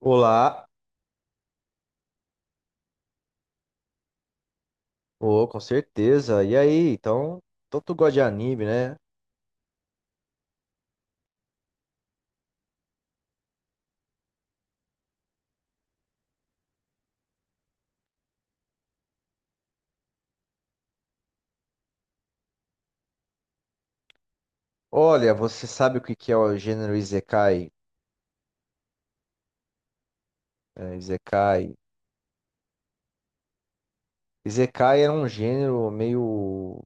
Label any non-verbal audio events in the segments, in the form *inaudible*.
Olá, oh, com certeza. E aí, então, então tu gosta de anime, né? Olha, você sabe o que que é o gênero Isekai? É, Isekai. Isekai é um gênero meio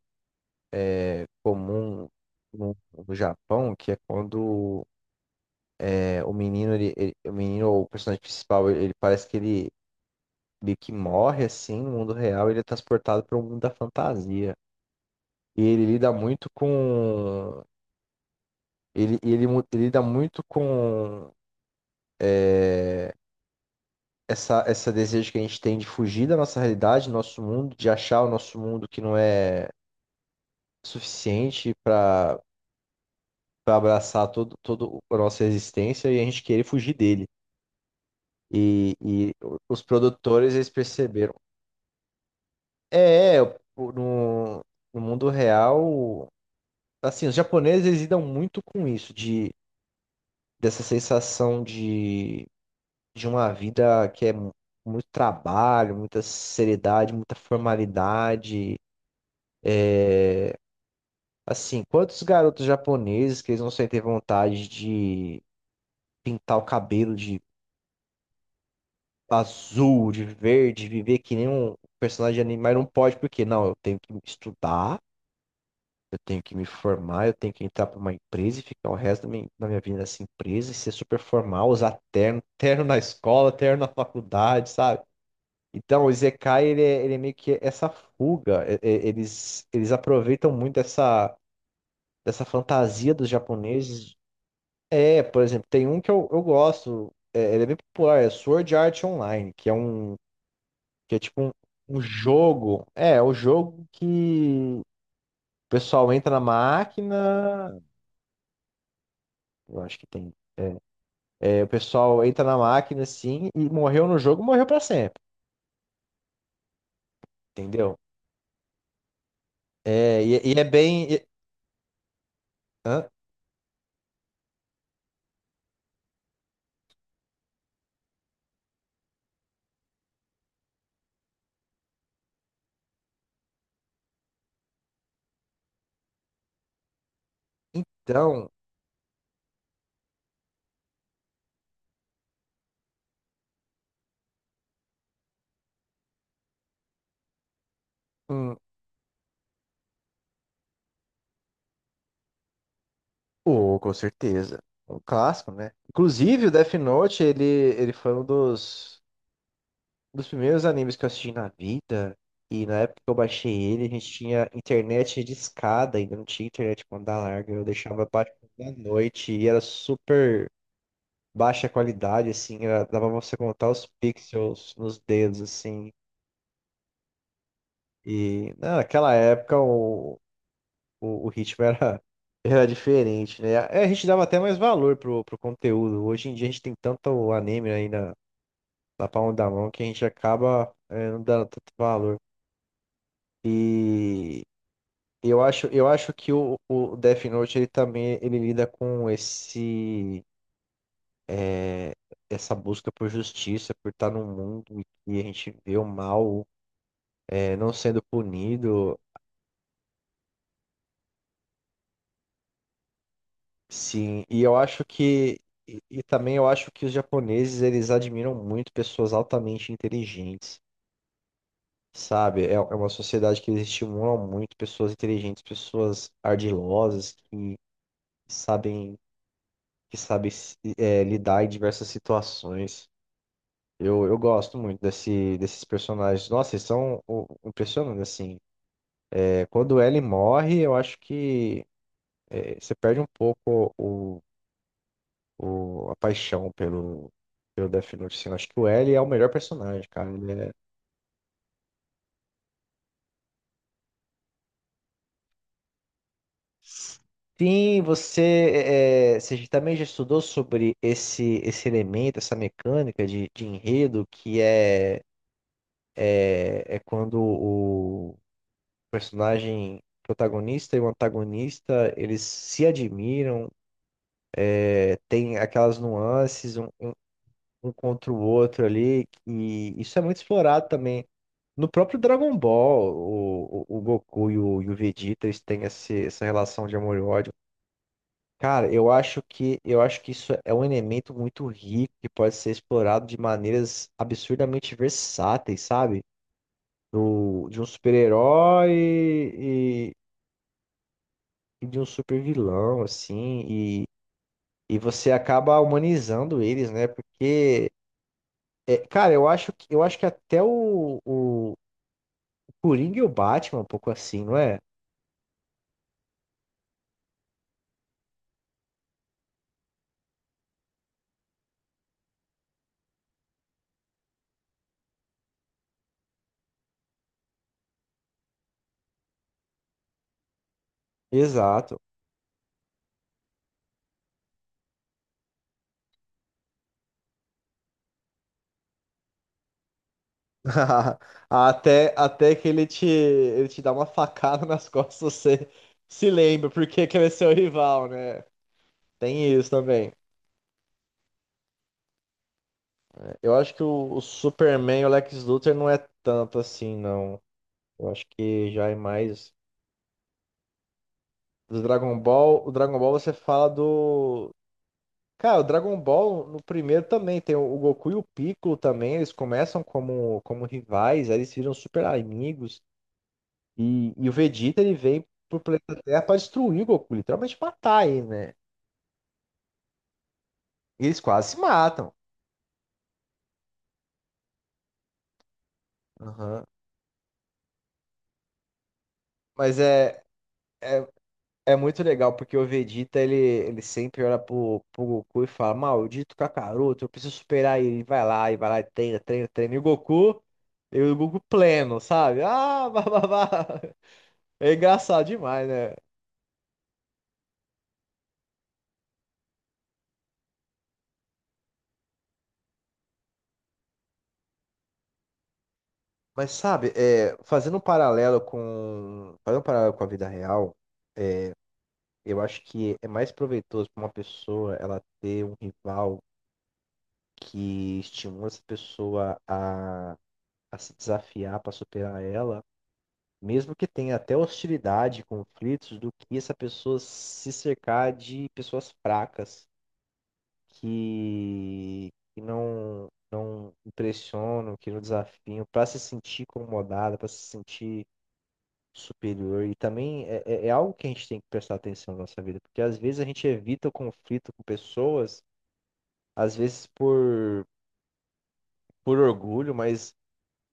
comum no Japão, que é quando o menino, o menino ou o personagem principal, ele parece que ele meio que morre assim no mundo real, ele é transportado para o mundo da fantasia. E ele lida muito com ele lida muito com é, essa, essa desejo que a gente tem de fugir da nossa realidade, do nosso mundo, de achar o nosso mundo que não é suficiente para para abraçar todo, todo a nossa existência e a gente querer fugir dele. E os produtores, eles perceberam. É, é, o- no, no mundo real, assim, os japoneses, eles lidam muito com isso, de, dessa sensação de uma vida que é muito trabalho, muita seriedade, muita formalidade. Assim, quantos garotos japoneses que eles não sentem vontade de pintar o cabelo de azul, de verde, viver que nem um personagem de anime, mas não pode porque, não, eu tenho que estudar, eu tenho que me formar, eu tenho que entrar pra uma empresa e ficar o resto da minha vida nessa empresa e ser super formal, usar terno, *laughs* terno na escola, terno na faculdade, sabe? Então, o Isekai, ele é meio que essa fuga, eles, eles aproveitam muito essa dessa fantasia dos japoneses. É, por exemplo, tem um que eu gosto, é, ele é bem popular, é Sword Art Online, que é um, que é tipo um, um jogo, é o jogo que o pessoal entra na máquina, eu acho que tem, é, o pessoal entra na máquina assim, e morreu no jogo, morreu pra sempre, entendeu? E é bem, e- hã? Então, hum, oh, com certeza, é um clássico, né? Inclusive, o Death Note, ele foi um dos um dos primeiros animes que eu assisti na vida, e na época que eu baixei ele, a gente tinha internet de escada, ainda não tinha internet com banda larga, eu deixava baixo da noite e era super baixa qualidade, assim, era- dava pra você contar os pixels nos dedos, assim. E não, naquela época o ritmo era, *laughs* era diferente, né? É, a gente dava até mais valor pro, pro conteúdo. Hoje em dia a gente tem tanto anime aí na, na palma da mão que a gente acaba é, não dando tanto valor. E. Eu acho que o Death Note ele também ele lida com esse é, essa busca por justiça, por estar num mundo em que a gente vê o mal não sendo punido. Sim. E eu acho que e também eu acho que os japoneses eles admiram muito pessoas altamente inteligentes, sabe? É uma sociedade que eles estimulam muito pessoas inteligentes, pessoas ardilosas que sabem é, lidar em diversas situações. Eu gosto muito desse, desses personagens. Nossa, eles são o- impressionantes, assim. É, quando ele morre, eu acho que você perde um pouco o- a paixão pelo, pelo Death Note, assim. Eu acho que o L é o melhor personagem, cara. Ele é- sim, você, você também já estudou sobre esse, esse elemento, essa mecânica de enredo, que é, é quando personagem protagonista e o antagonista, eles se admiram, é, tem aquelas nuances um contra o outro ali, e isso é muito explorado também. No próprio Dragon Ball, o Goku e o Vegeta, eles têm esse, essa relação de amor e ódio. Cara, eu acho que isso é um elemento muito rico que pode ser explorado de maneiras absurdamente versáteis, sabe? Do, de um super-herói e de um super vilão, assim, e você acaba humanizando eles, né? Porque, é, cara, eu acho que até o Coringa e o Batman é um pouco assim, não é? Exato. *laughs* Até que ele te dá uma facada nas *laughs* costas, você se lembra porque que ele é seu rival, né? Tem isso também. Eu acho que o Superman e o Lex Luthor não é tanto assim, não. Eu acho que já é mais. Do Dragon Ball, o Dragon Ball você fala do. Cara, o Dragon Ball no primeiro também tem o Goku e o Piccolo também. Eles começam como, como rivais, aí eles viram super amigos. E o Vegeta ele vem pro planeta Terra pra destruir o Goku, literalmente matar ele, né? E eles quase se matam. Aham. Mas é. é, É muito legal porque o Vegeta ele, ele sempre olha pro, pro Goku e fala: Maldito Kakaroto, eu preciso superar ele. E vai lá, e vai lá, e treina, treina, treina. E o Goku pleno, sabe? Ah, *laughs* bababá. É engraçado demais, né? Mas sabe, é, fazendo um paralelo com, fazendo um paralelo com a vida real, eu acho que é mais proveitoso para uma pessoa ela ter um rival que estimula essa pessoa a se desafiar para superar ela, mesmo que tenha até hostilidade, conflitos, do que essa pessoa se cercar de pessoas fracas, que não, não impressionam, que não desafiam, para se sentir incomodada, para se sentir superior. E também é, é algo que a gente tem que prestar atenção na nossa vida, porque às vezes a gente evita o conflito com pessoas, às vezes por orgulho, mas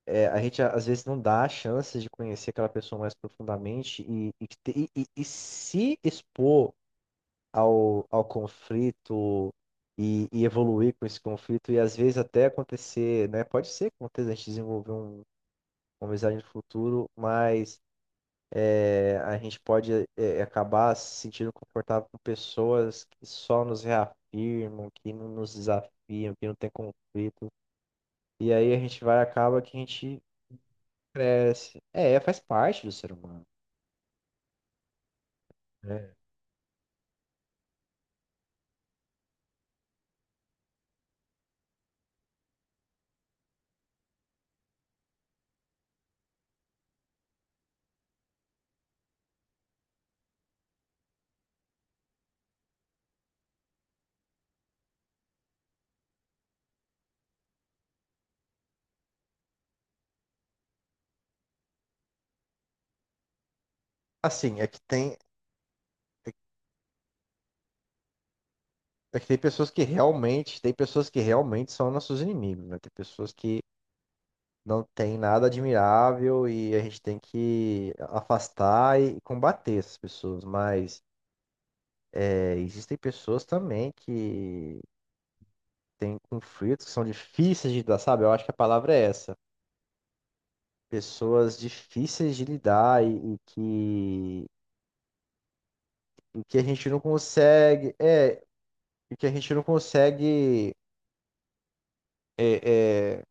é, a gente às vezes não dá a chance de conhecer aquela pessoa mais profundamente e e se expor ao, ao conflito e evoluir com esse conflito e às vezes até acontecer, né? Pode ser que aconteça, a gente desenvolver um, uma amizade no futuro, mas é, a gente pode é, acabar se sentindo confortável com pessoas que só nos reafirmam, que não nos desafiam, que não tem conflito. E aí a gente vai, acaba que a gente cresce. É, faz parte do ser humano. É. Assim, é que tem pessoas que realmente, tem pessoas que realmente são nossos inimigos, né? Tem pessoas que não tem nada admirável e a gente tem que afastar e combater essas pessoas, mas é, existem pessoas também que têm conflitos que são difíceis de lidar, sabe? Eu acho que a palavra é essa. Pessoas difíceis de lidar e que a gente não consegue, é, e que a gente não consegue é, é,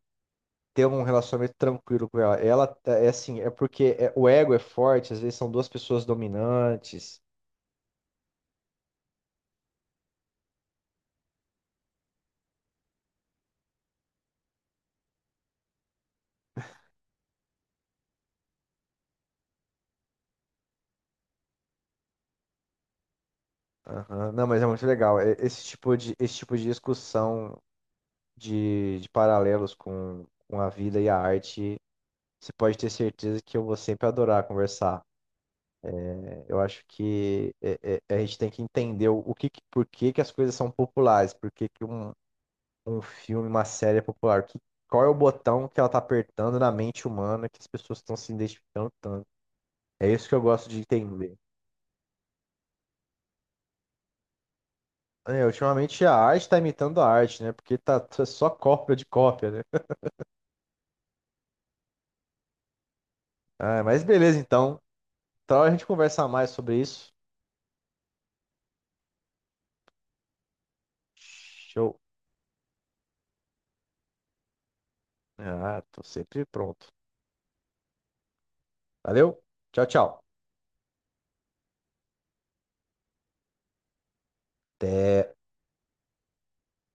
ter um relacionamento tranquilo com ela. Ela tá, é assim, é porque é- o ego é forte, às vezes são duas pessoas dominantes. Aham. Não, mas é muito legal. É- esse tipo de, esse tipo de discussão de paralelos com a vida e a arte, você pode ter certeza que eu vou sempre adorar conversar. É, eu acho que a gente tem que entender por que que as coisas são populares, por que que um filme, uma série é popular, que- qual é o botão que ela está apertando na mente humana que as pessoas estão se identificando tanto. É isso que eu gosto de entender. É, ultimamente a arte tá imitando a arte, né? Porque tá t- só cópia de cópia, né? Ah, mas beleza, então. Então a gente conversa mais sobre isso. Show. Ah, tô sempre pronto. Valeu. Tchau, tchau. Até.